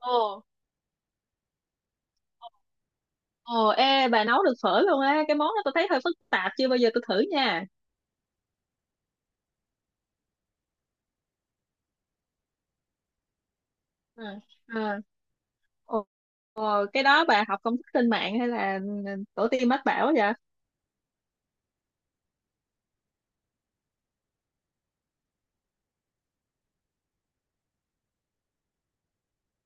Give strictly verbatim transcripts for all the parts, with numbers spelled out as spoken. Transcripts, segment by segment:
Ồ, ồ, ê, bà nấu được phở luôn á. Cái món đó tôi thấy hơi phức tạp, chưa bao giờ tôi thử nha. Ừ. À, ồ, cái đó bà học công thức trên mạng hay là ừ, tổ tiên mách bảo vậy?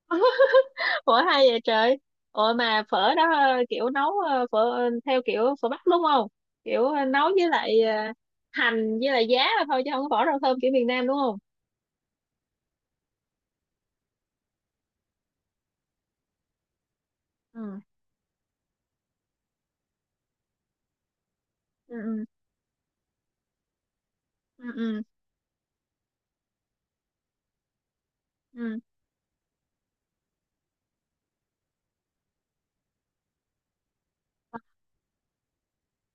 Phở hay vậy trời. Ồ mà phở đó ờ, kiểu nấu ờ, phở ờ, theo kiểu phở Bắc đúng không? Kiểu ờ, nấu với lại ờ, hành với lại giá thôi chứ không có bỏ rau thơm kiểu miền Nam đúng không? Ừ. Ừ. Ừ. Ừ. Ừ. Ừ.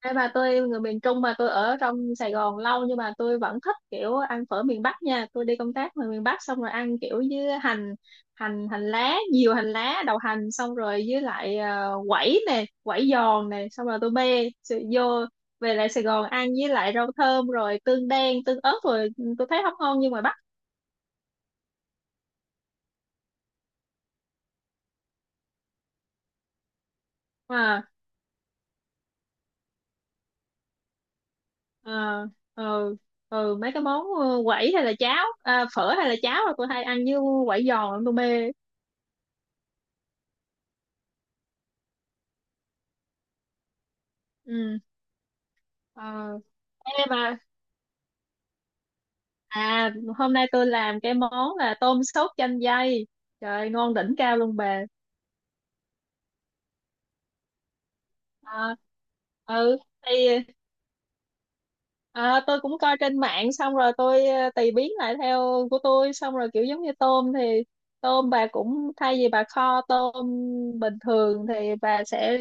Đây bà tôi người miền Trung mà tôi ở trong Sài Gòn lâu nhưng mà tôi vẫn thích kiểu ăn phở miền Bắc nha. Tôi đi công tác ngoài miền Bắc xong rồi ăn kiểu với hành hành hành lá, nhiều hành lá, đầu hành xong rồi với lại ờ, quẩy nè, quẩy giòn nè, xong rồi tôi bê sự- vô về lại Sài Gòn ăn với lại rau thơm rồi tương đen, tương ớt rồi ừ, tôi thấy không ngon như ngoài Bắc. Mà ờ, ừ, ừ, mấy cái món ờ, quẩy hay là cháo, à, phở hay là cháo là tôi hay ăn với quẩy giòn tôi mê. Ừ. Ờ. Ê, mà. À, hôm nay tôi làm cái món là tôm sốt chanh dây. Trời, ngon đỉnh cao luôn bà. À, ừ, thì à, tôi cũng coi trên mạng xong rồi tôi ờ, tùy biến lại theo của tôi. Xong rồi kiểu giống như tôm thì tôm bà cũng thay vì bà kho tôm bình thường thì bà sẽ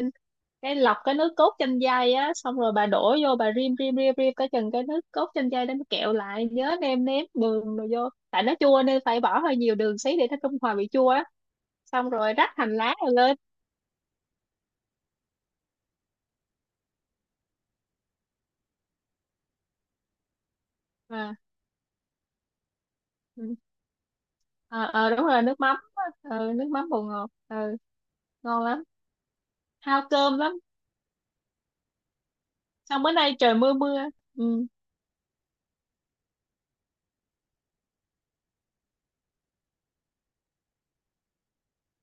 cái lọc cái nước cốt chanh dây á. Xong rồi bà đổ vô bà rim rim rim rim tới chừng cái nước cốt chanh dây đó nó kẹo lại. Nhớ nêm nếm đường rồi vô. Tại nó chua nên phải bỏ hơi nhiều đường xí để nó trung hòa vị chua á. Xong rồi rắc hành lá rồi lên. À, ừ. Ờ, ờ, đúng rồi nước mắm á. Ừ, nước mắm bột ngọt, ừ. Ngon lắm. Hao cơm lắm. Xong bữa nay trời mưa mưa. Ừ.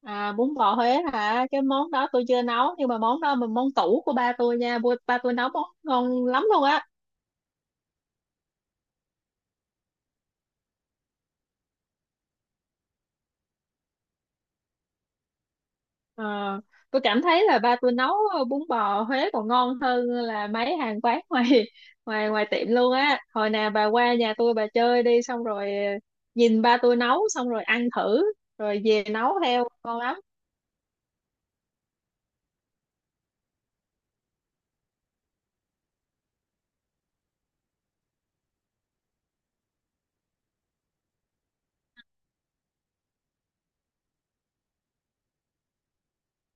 À, bún bò Huế hả? Cái món đó tôi chưa nấu nhưng mà món đó là món tủ của ba tôi nha. Ba ba tôi nấu món ngon lắm luôn á. Ờ, tôi cảm thấy là ba tôi nấu ờ, bún bò Huế còn ngon hơn là mấy hàng quán ngoài ngoài ngoài tiệm luôn á. Hồi nào bà qua nhà tôi bà chơi đi, xong rồi ờ, nhìn ba tôi nấu xong rồi ăn thử rồi về nấu theo ngon lắm.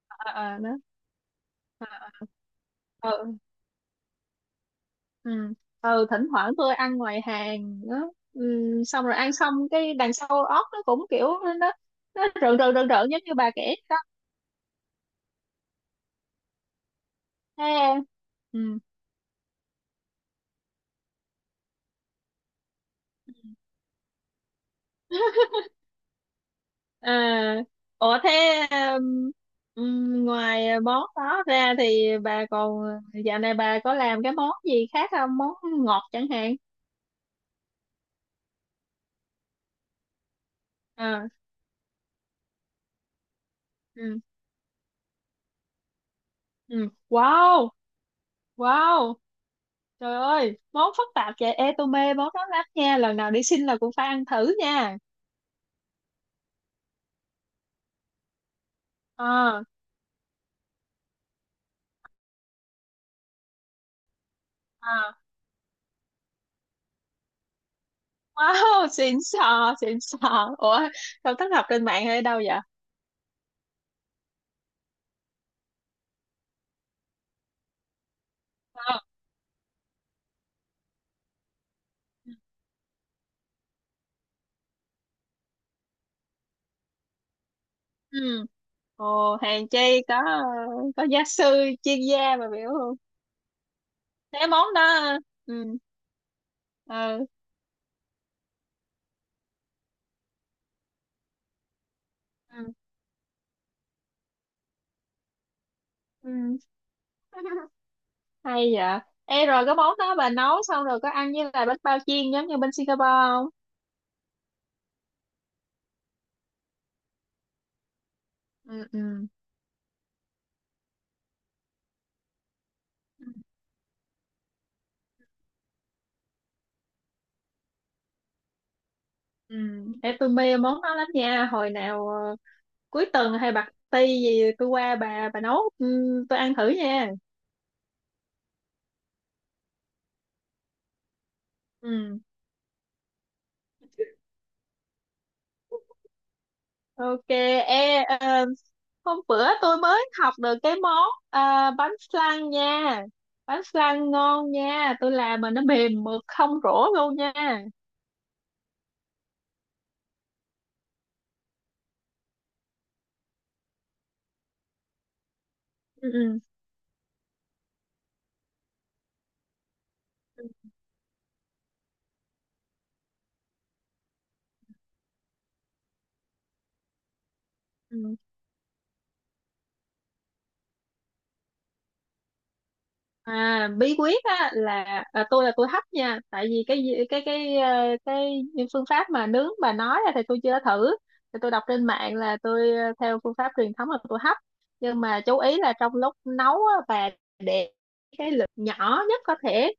Ờ, ờ đó. Ờ, ừ, ừ. Ừ, thỉnh thoảng tôi ăn ngoài hàng đó, ừ, xong rồi ăn xong cái đằng sau óc nó cũng kiểu nó nó rợn rợn rợn rợn giống như bà kể đó. Thế, ừ. À, ủa thế um, um, ngoài món đó ra thì bà còn dạo này bà có làm cái món gì khác không? Món ngọt chẳng hạn. À, ừ, ừ. Wow, wow. Trời ơi món phức tạp vậy. Ê, tôi mê món đó lắm nha, lần nào đi xin là cũng phải ăn thử nha. À, à, wow. Xịn sò, xịn sò. Ủa sao thất, học trên mạng hay đâu vậy? À, ừ. Ồ, hàng chay có có giáo sư chuyên gia mà biểu cái món đó. Ừ, ừ. Ừ. Ừ. Hay vậy. Ê, rồi cái món đó bà nấu xong rồi có ăn với lại bánh bao chiên giống như bên Singapore không? Ừ, ừ. Ừ. Ừ, để tôi mê món đó lắm nha, hồi nào ờ, cuối tuần hay bạc ti gì tôi qua bà bà nấu, ừ, tôi ăn thử nha. Ừ, ok. Ê, ờ, hôm bữa tôi mới học được cái món ờ, bánh flan nha. Bánh flan ngon nha, tôi làm mà nó mềm mượt không rỗ luôn nha. Ừ, ừ, ừ. À, bí quyết á là à, tôi là tôi hấp nha, tại vì cái gì- cái cái ờ, cái những phương pháp mà nướng bà nói á thì tôi chưa thử. Thì tôi đọc trên mạng là tôi ờ, theo phương pháp truyền thống là tôi hấp. Nhưng mà chú ý là trong lúc nấu á, bà để cái lửa nhỏ nhất có thể,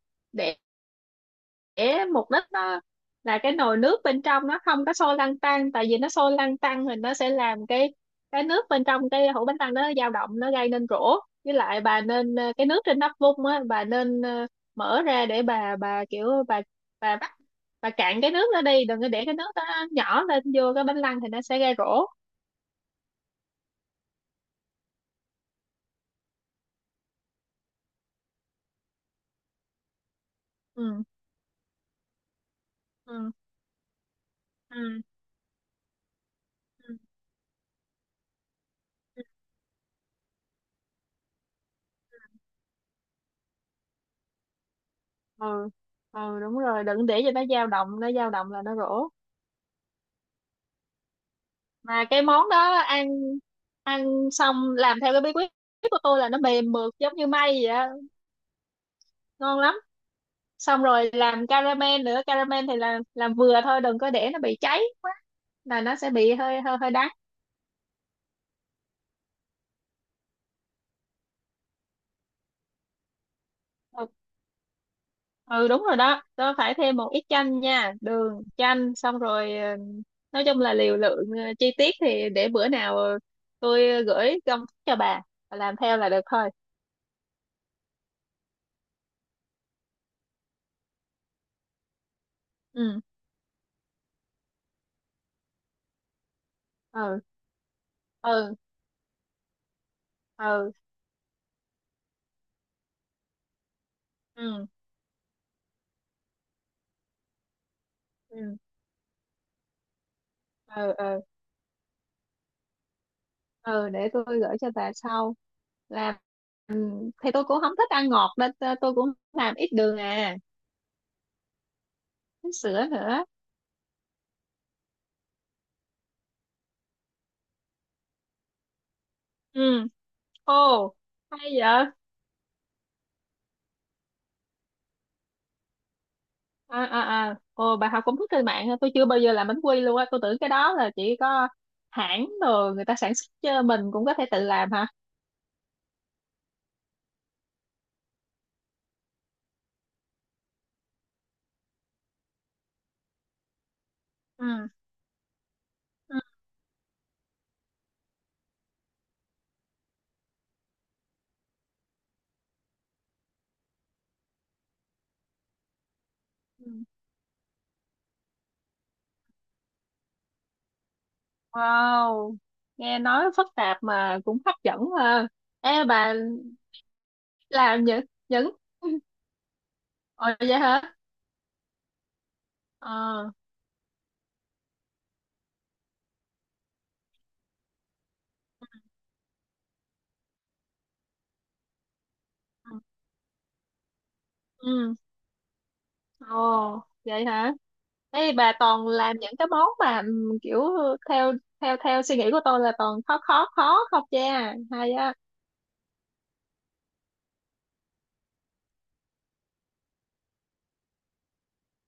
để mục đích nó là cái nồi nước bên trong nó không có sôi lăn tăn, tại vì nó sôi lăn tăn thì nó sẽ làm cái cái nước bên trong cái hũ bánh tăng nó dao động, nó gây nên rỗ. Với lại bà nên ờ, cái nước trên nắp vung á, bà nên ờ, mở ra để bà bà kiểu bà bà bắt bà cạn cái nước đó đi, đừng có để cái nước đó nó nhỏ lên vô cái bánh lăng thì nó sẽ gây rỗ. Ừ, ừ, ừ, ừ, ừ, ừ, ừ, đúng rồi đừng để cho nó dao động, nó dao động là nó rỗ. Mà cái món đó ăn ăn xong làm theo cái bí quyết của tôi là nó mềm mượt giống như may vậy á, ngon lắm. Xong rồi làm caramel nữa, caramel thì là làm vừa thôi đừng có để nó bị cháy quá là nó sẽ bị hơi hơi hơi đắng. Ừ, ừ, đúng rồi đó, tôi phải thêm một ít chanh nha, đường chanh xong rồi ờ, nói chung là liều lượng, ờ, chi tiết thì để bữa nào ờ, tôi gửi công thức cho bà. Bà làm theo là được thôi. Ừ, ừ, ừ, ừ, ừ, ừ, ừ, ừ, ừ, để tôi gửi cho bà sau. Làm thì tôi cũng không thích ăn ngọt nên t- tôi cũng làm ít đường à. Ít sữa nữa. Ừ, ô, hay vậy à, à, à, ồ, bà học công thức trên mạng hả? Tôi chưa bao giờ làm bánh quy luôn á, tôi tưởng cái đó là chỉ có hãng rồi người ta sản xuất chứ mình cũng có thể tự làm hả? Ừ, ừ, ừ. Wow, nghe nói phức tạp mà cũng hấp dẫn ha. Ê, bà làm những những Ồ, vậy hả. Ờ, ừ. Ồ, vậy hả? Ê, bà toàn làm những cái món mà ừm, kiểu theo theo theo suy nghĩ của tôi là toàn khó khó khó không, cha hay á.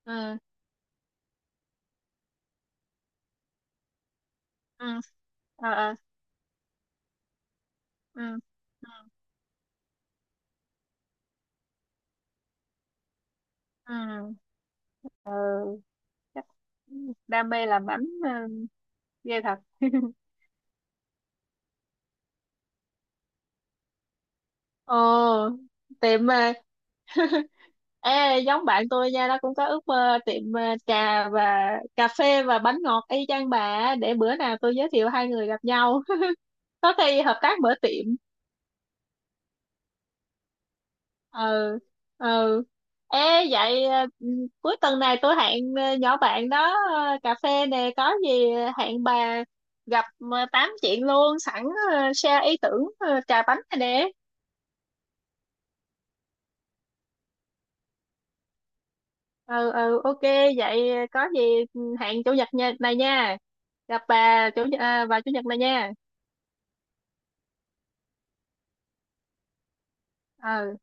Ừ, ừ. Ờ, ờ, ừ, ừ, ừ, ừ. Chắc đam mê làm bánh, ừ, ghê thật. Ồ, tiệm mà. Ê, giống bạn tôi nha, nó cũng có ước mơ tiệm ờ, trà và cà phê và bánh ngọt y chang bà á. Để bữa nào tôi giới thiệu hai người gặp nhau. Có khi hợp tác mở tiệm. Ừ, ừ. Ê, vậy ờ, cuối tuần này tôi hẹn ờ, nhỏ bạn đó ờ, cà phê nè, có gì hẹn bà gặp, ờ, tám chuyện luôn sẵn, ờ, share ý tưởng, ờ, trà bánh này nè. Ừ, ừ, ok, vậy ờ, có gì, ừ, hẹn chủ nhật nha- này nha. Gặp bà chủ nhật- à, vào chủ nhật này nha. Ừ.